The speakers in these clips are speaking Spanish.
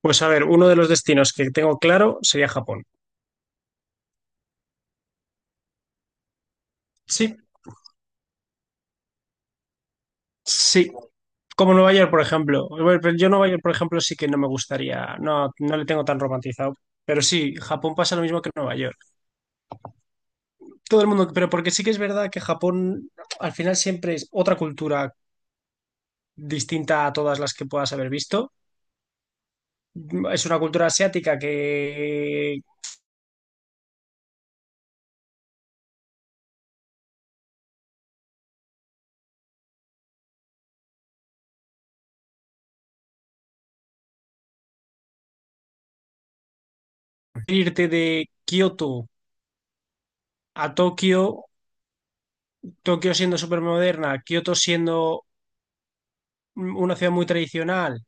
Pues a ver, uno de los destinos que tengo claro sería Japón. Sí, sí. Como Nueva York, por ejemplo. Bueno, pero yo Nueva York, por ejemplo, sí que no me gustaría, no, no le tengo tan romantizado. Pero sí, Japón pasa lo mismo que Nueva York. Todo el mundo, pero porque sí que es verdad que Japón al final siempre es otra cultura distinta a todas las que puedas haber visto. Es una cultura asiática que irte de Kioto a Tokio, Tokio siendo súper moderna, Kioto siendo una ciudad muy tradicional.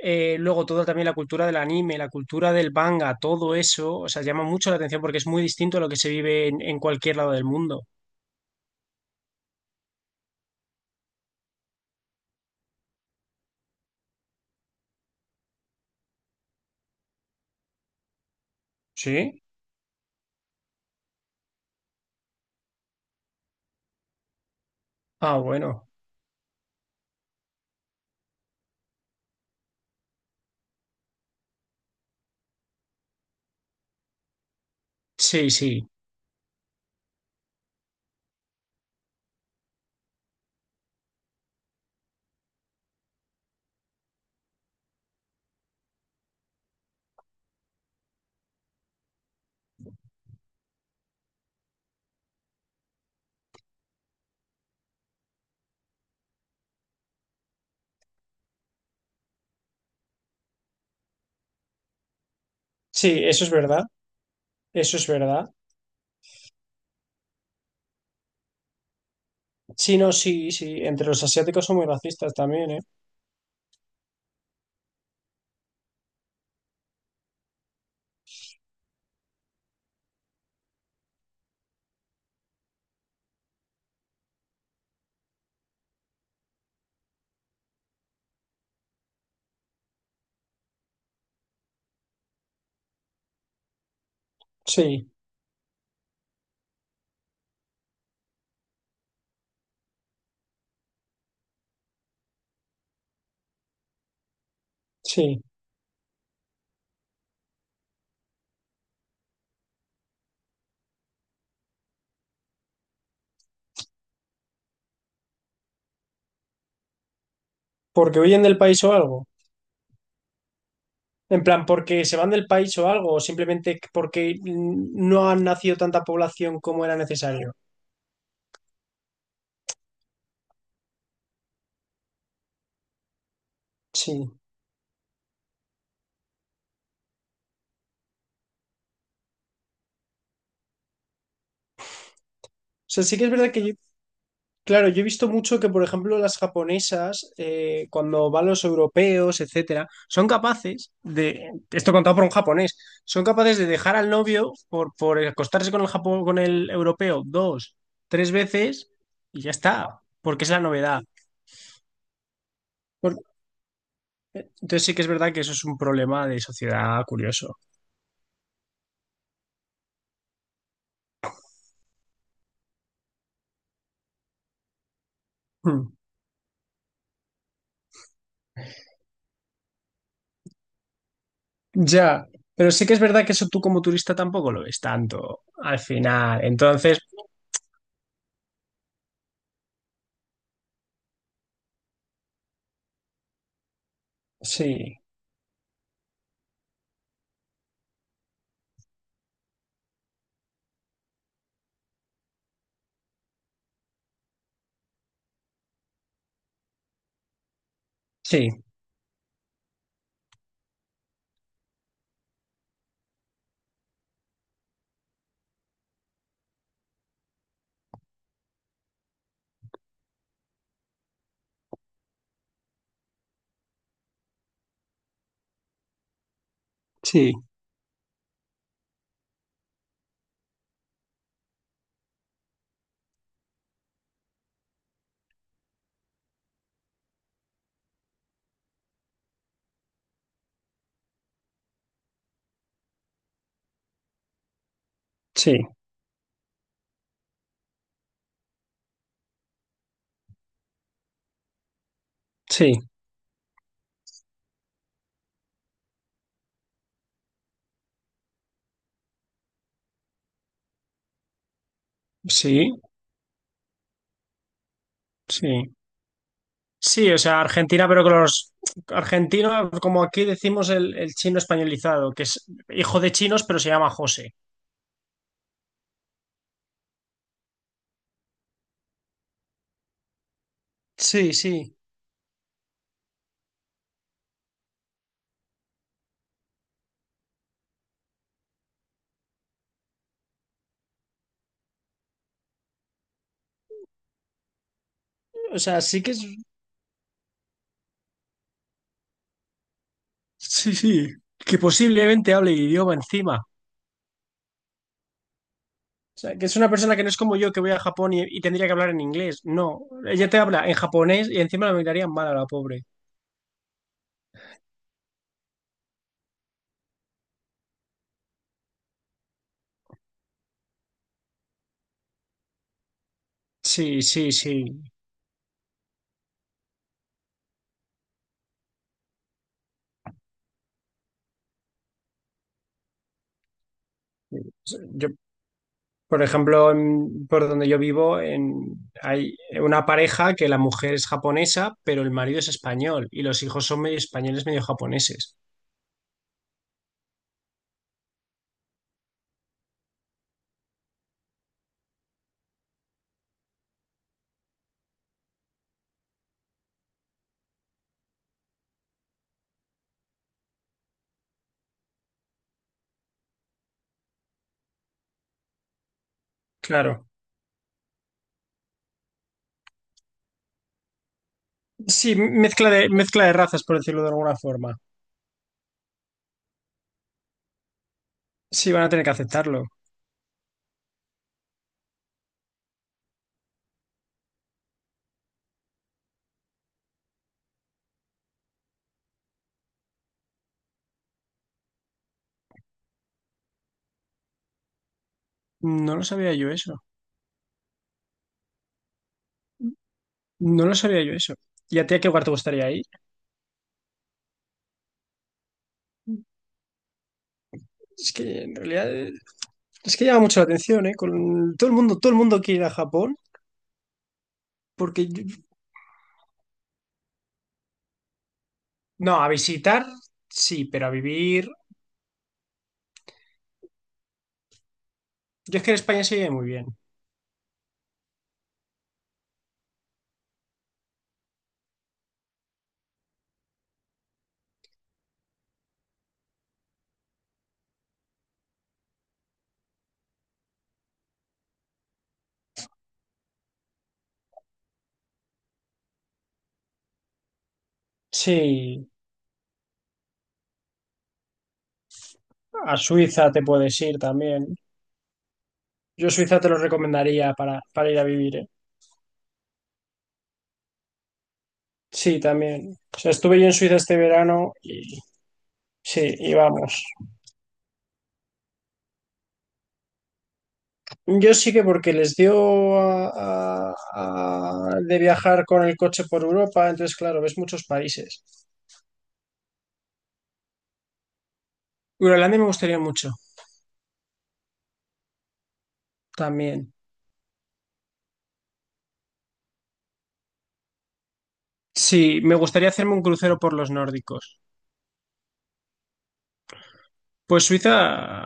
Luego todo también la cultura del anime, la cultura del manga, todo eso, o sea, llama mucho la atención porque es muy distinto a lo que se vive en cualquier lado del mundo. ¿Sí? Ah, bueno. Sí, sí. Sí, eso es verdad. Eso es verdad. Sí, no, sí, sí. Entre los asiáticos son muy racistas también, ¿eh? Sí, sí. Porque huyen del país o algo. En plan, porque se van del país o algo, o simplemente porque no han nacido tanta población como era necesario. Sí. O sea, sí que es verdad que claro, yo he visto mucho que, por ejemplo, las japonesas, cuando van los europeos, etcétera, son capaces de, esto contado por un japonés, son capaces de dejar al novio por acostarse con el con el europeo dos, tres veces y ya está, porque es la novedad. Por- entonces sí que es verdad que eso es un problema de sociedad curioso. Hmm. Ya, pero sí que es verdad que eso tú como turista tampoco lo ves tanto al final. Entonces, sí, sí, sí, sí, sí. Sí, sí, sí, o sea, Argentina, pero que los argentinos, como aquí decimos el chino españolizado, que es hijo de chinos, pero se llama José. Sí, sí, o sea, sí que es, sí, sí, que posiblemente hable el idioma encima. O sea, que es una persona que no es como yo que voy a Japón y tendría que hablar en inglés. No, ella te habla en japonés y encima la miraría mal a la pobre. Sí, sí, sí. Yo, por ejemplo, por donde yo vivo, hay una pareja que la mujer es japonesa, pero el marido es español y los hijos son medio españoles, medio japoneses. Claro. Sí, mezcla de razas, por decirlo de alguna forma. Sí, van a tener que aceptarlo. No lo sabía yo eso. No lo sabía yo eso. ¿Y a ti a qué lugar te gustaría ir? Es que en realidad es que llama mucho la atención, ¿eh? Con todo el mundo quiere ir a Japón porque no, a visitar sí, pero a vivir. Yo es que en España se vive muy bien. Sí, a Suiza te puedes ir también. Yo Suiza te lo recomendaría para ir a vivir, ¿eh? Sí, también. O sea, estuve yo en Suiza este verano y sí, y vamos. Yo sí que porque les dio de viajar con el coche por Europa, entonces claro, ves muchos países. Groenlandia me gustaría mucho también. Sí, me gustaría hacerme un crucero por los nórdicos. Pues Suiza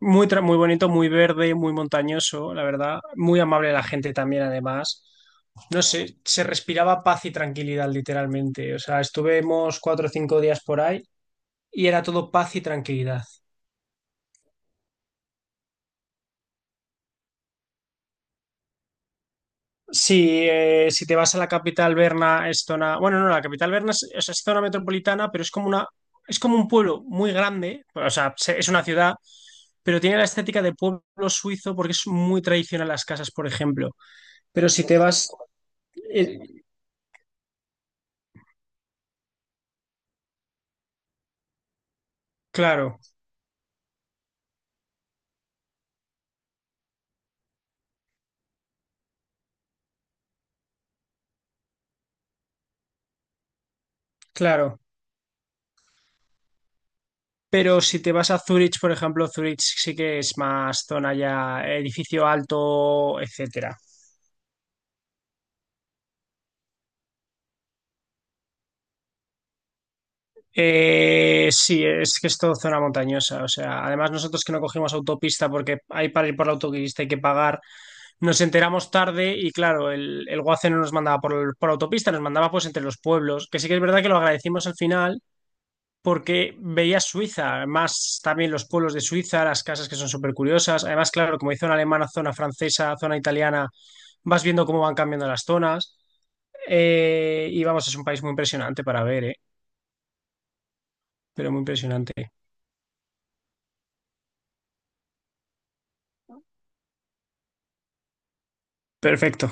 Muy bonito, muy verde, muy montañoso, la verdad. Muy amable la gente también, además. No sé, se respiraba paz y tranquilidad, literalmente. O sea, estuvimos cuatro o cinco días por ahí y era todo paz y tranquilidad. Sí, si te vas a la capital Berna, es zona. Bueno, no, la capital Berna es, o sea, es zona metropolitana, pero es como una, es como un pueblo muy grande. O sea, es una ciudad, pero tiene la estética de pueblo suizo porque es muy tradicional las casas, por ejemplo. Pero si te vas. eh, claro. Claro, pero si te vas a Zurich, por ejemplo, Zurich sí que es más zona ya, edificio alto, etcétera. Sí, es que es todo zona montañosa, o sea, además nosotros que no cogimos autopista porque ahí para ir por la autopista hay que pagar, nos enteramos tarde y claro, el Guace no nos mandaba por autopista, nos mandaba pues entre los pueblos, que sí que es verdad que lo agradecimos al final porque veía Suiza, más también los pueblos de Suiza, las casas que son súper curiosas. Además, claro, como hay zona alemana, zona francesa, zona italiana, vas viendo cómo van cambiando las zonas. Y vamos, es un país muy impresionante para ver, ¿eh? Pero muy impresionante. Perfecto.